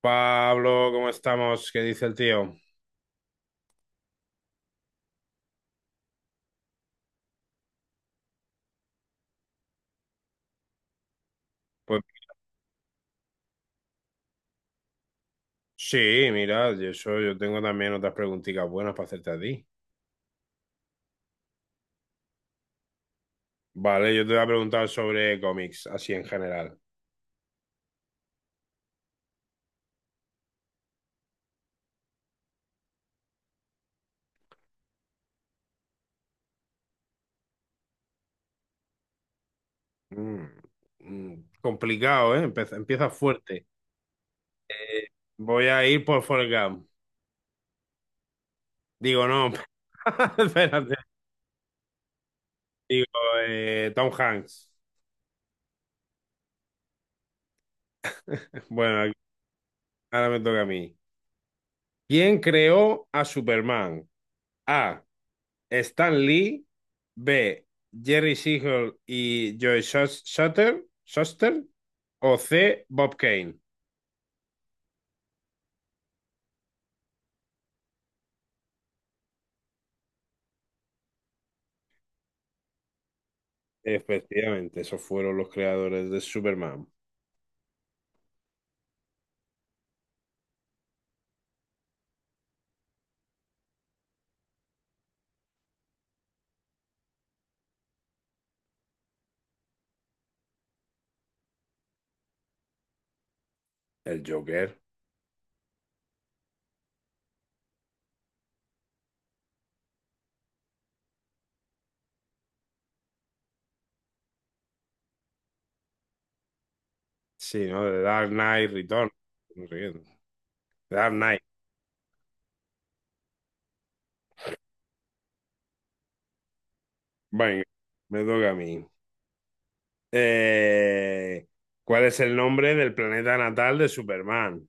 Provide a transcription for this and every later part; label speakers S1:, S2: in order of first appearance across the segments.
S1: Pablo, ¿cómo estamos? ¿Qué dice el tío? Pues sí, mira, yo, eso, yo tengo también otras preguntitas buenas para hacerte a ti. Vale, yo te voy a preguntar sobre cómics, así en general. Mm, mm, complicado, ¿eh? Empieza fuerte. Eh, Voy a ir por Forrest Gump. Digo, no, espérate. Digo, Tom Hanks. Bueno, ahora me toca a mí. ¿Quién creó a Superman? A. Stan Lee, B. Jerry Siegel y Joe Shuster, o C. Bob Kane. Efectivamente, esos fueron los creadores de Superman. El Joker. Sí, ¿no? The Dark Knight Return. No sé qué. The Dark Knight. Venga, me toca a mí. Eh, ¿Cuál es el nombre del planeta natal de Superman?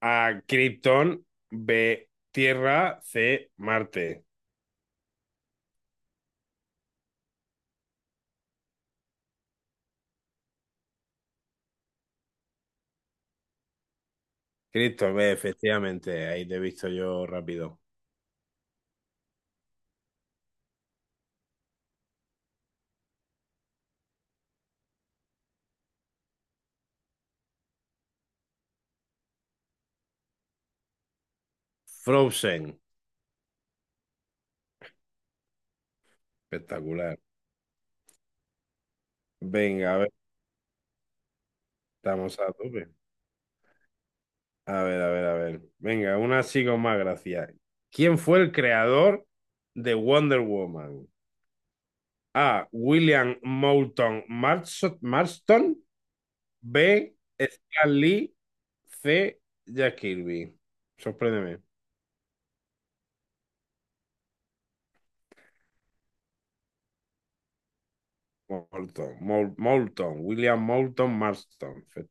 S1: A. Krypton. B. Tierra. C. Marte. Cristo, ve, efectivamente, ahí te he visto yo rápido. Frozen, espectacular. Venga, a ver, estamos a tope. A ver, a ver, a ver. Venga, una así con más gracia. ¿Quién fue el creador de Wonder Woman? A. William Marston. B. Stan Lee. C. Jack Kirby. Sorpréndeme. Moulton. Moulton. William Moulton Marston.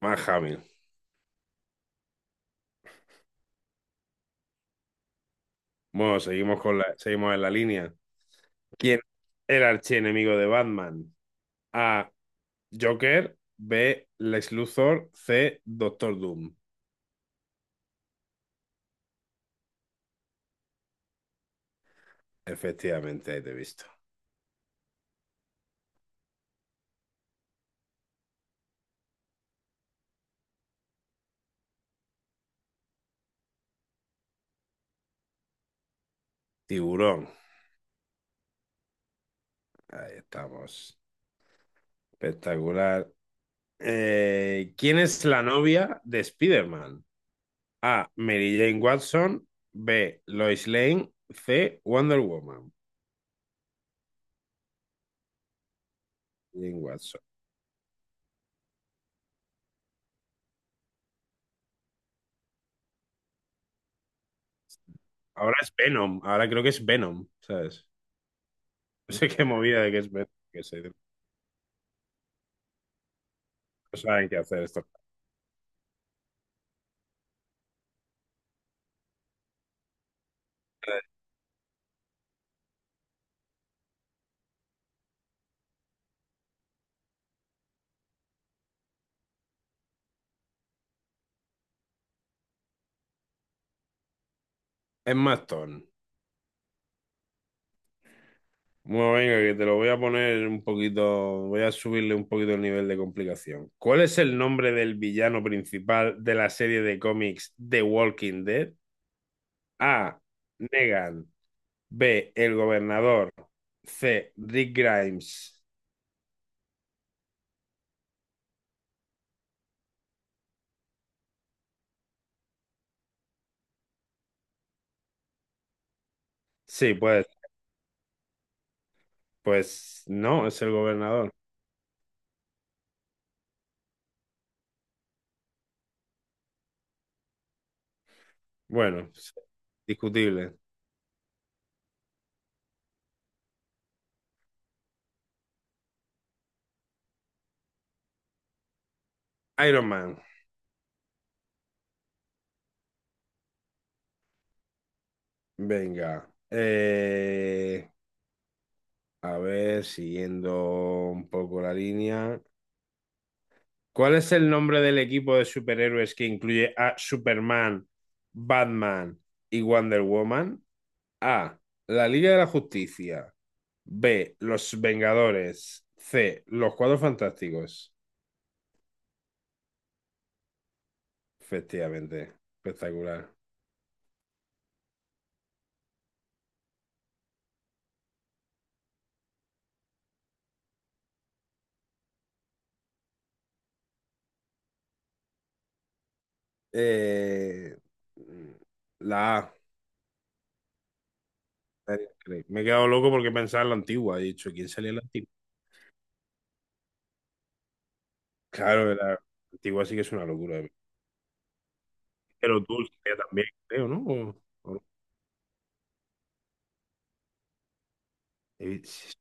S1: Mark Hamill. Bueno, seguimos en la línea. ¿Quién es el archienemigo de Batman? A. Joker. B. Lex Luthor. C. Doctor Doom. Efectivamente, ahí te he visto. Tiburón. Ahí estamos. Espectacular. ¿Quién es la novia de Spider-Man? A. Mary Jane Watson. B. Lois Lane. C. Wonder Woman. Jane Watson. Ahora es Venom. Ahora creo que es Venom, ¿sabes? No sé qué movida de que es Venom. No saben qué hacer esto. Es más ton. Bueno, venga, que te lo voy a poner un poquito, voy a subirle un poquito el nivel de complicación. ¿Cuál es el nombre del villano principal de la serie de cómics The Walking Dead? A. Negan. B. El gobernador. C. Rick Grimes. Sí, pues, pues no, es el gobernador. Bueno, discutible. Iron Man. Venga. A ver, siguiendo un poco la línea. ¿Cuál es el nombre del equipo de superhéroes que incluye a Superman, Batman y Wonder Woman? A. La Liga de la Justicia. B. Los Vengadores. C. Los Cuatro Fantásticos. Efectivamente. Espectacular. Eh, la A. Me he quedado loco porque pensaba en la antigua. He dicho, ¿quién salía en la antigua? Claro, la antigua sí que es una locura, de los dulces también, creo, ¿no? O- sí,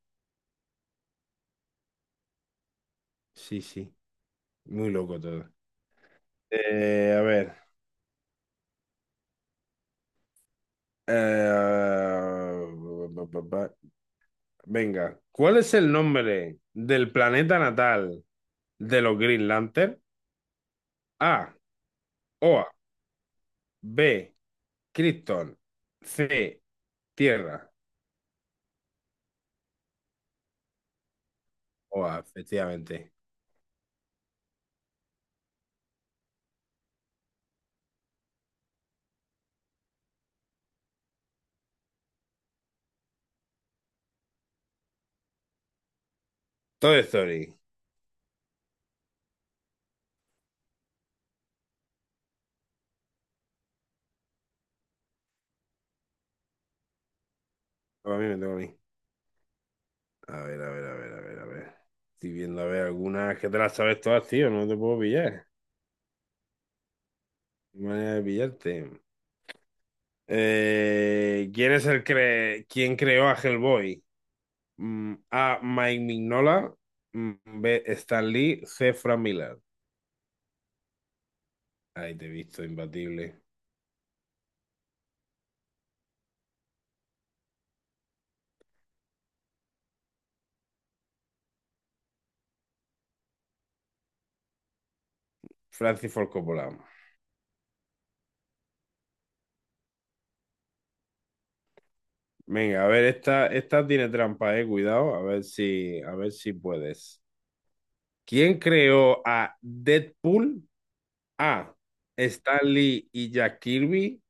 S1: sí, sí. Muy loco todo. A ver. eh, ba, ba, ba. Venga, ¿cuál es el nombre del planeta natal de los Green Lantern? A, Oa, B, Krypton, C, Tierra. Oa, efectivamente. Toy Story. A mí me toca a mí. A ver, a ver, a ver, a ver, a ver. Estoy viendo, a ver, algunas que te las sabes todas, tío, no te puedo pillar. Manera de pillarte. ¿Quién creó a Hellboy? A. Mike Mignola. Mm, B. Stan Lee. C. Frank Miller. Ahí te he visto, imbatible. Francis Ford Coppola. Venga, a ver, esta tiene trampa, eh. Cuidado, a ver si puedes. ¿Quién creó a Deadpool? A. Stan Lee y Jack Kirby.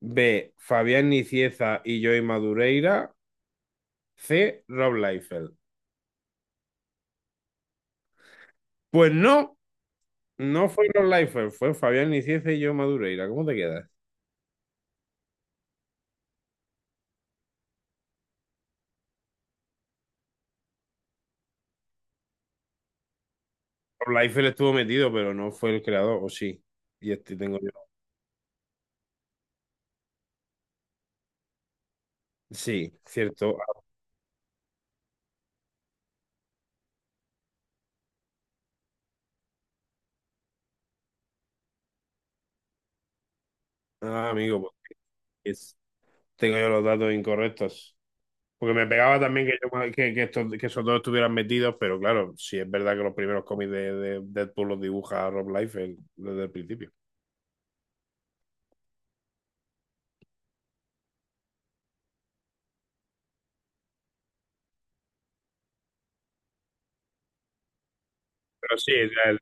S1: B. Fabián Nicieza y Joey Madureira. C. Rob Liefeld. Pues no, no fue Rob Liefeld, fue Fabián Nicieza y yo Madureira. ¿Cómo te quedas? Rob Liefeld estuvo metido, pero no fue el creador, o sí. Y este tengo yo. Sí, cierto. Ah, amigo, pues, es- tengo yo los datos incorrectos. Porque me pegaba también que, que estos, que esos dos estuvieran metidos, pero claro, sí es verdad que los primeros cómics de Deadpool los dibuja Rob Liefeld desde el principio. Pero sí,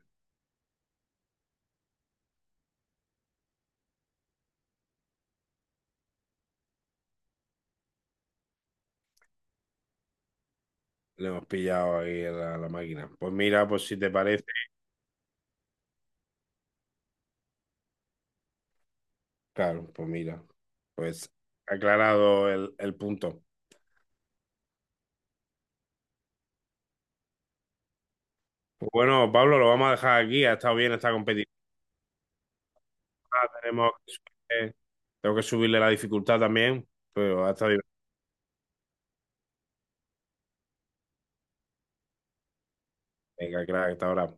S1: le hemos pillado ahí a la, la máquina. Pues mira, pues si te parece, claro, pues mira, pues aclarado el punto. Pues bueno, Pablo, lo vamos a dejar aquí. Ha estado bien esta competición. Tenemos que subirle- Tengo que subirle la dificultad también, pero ha estado bien. Venga, claro, hasta ahora.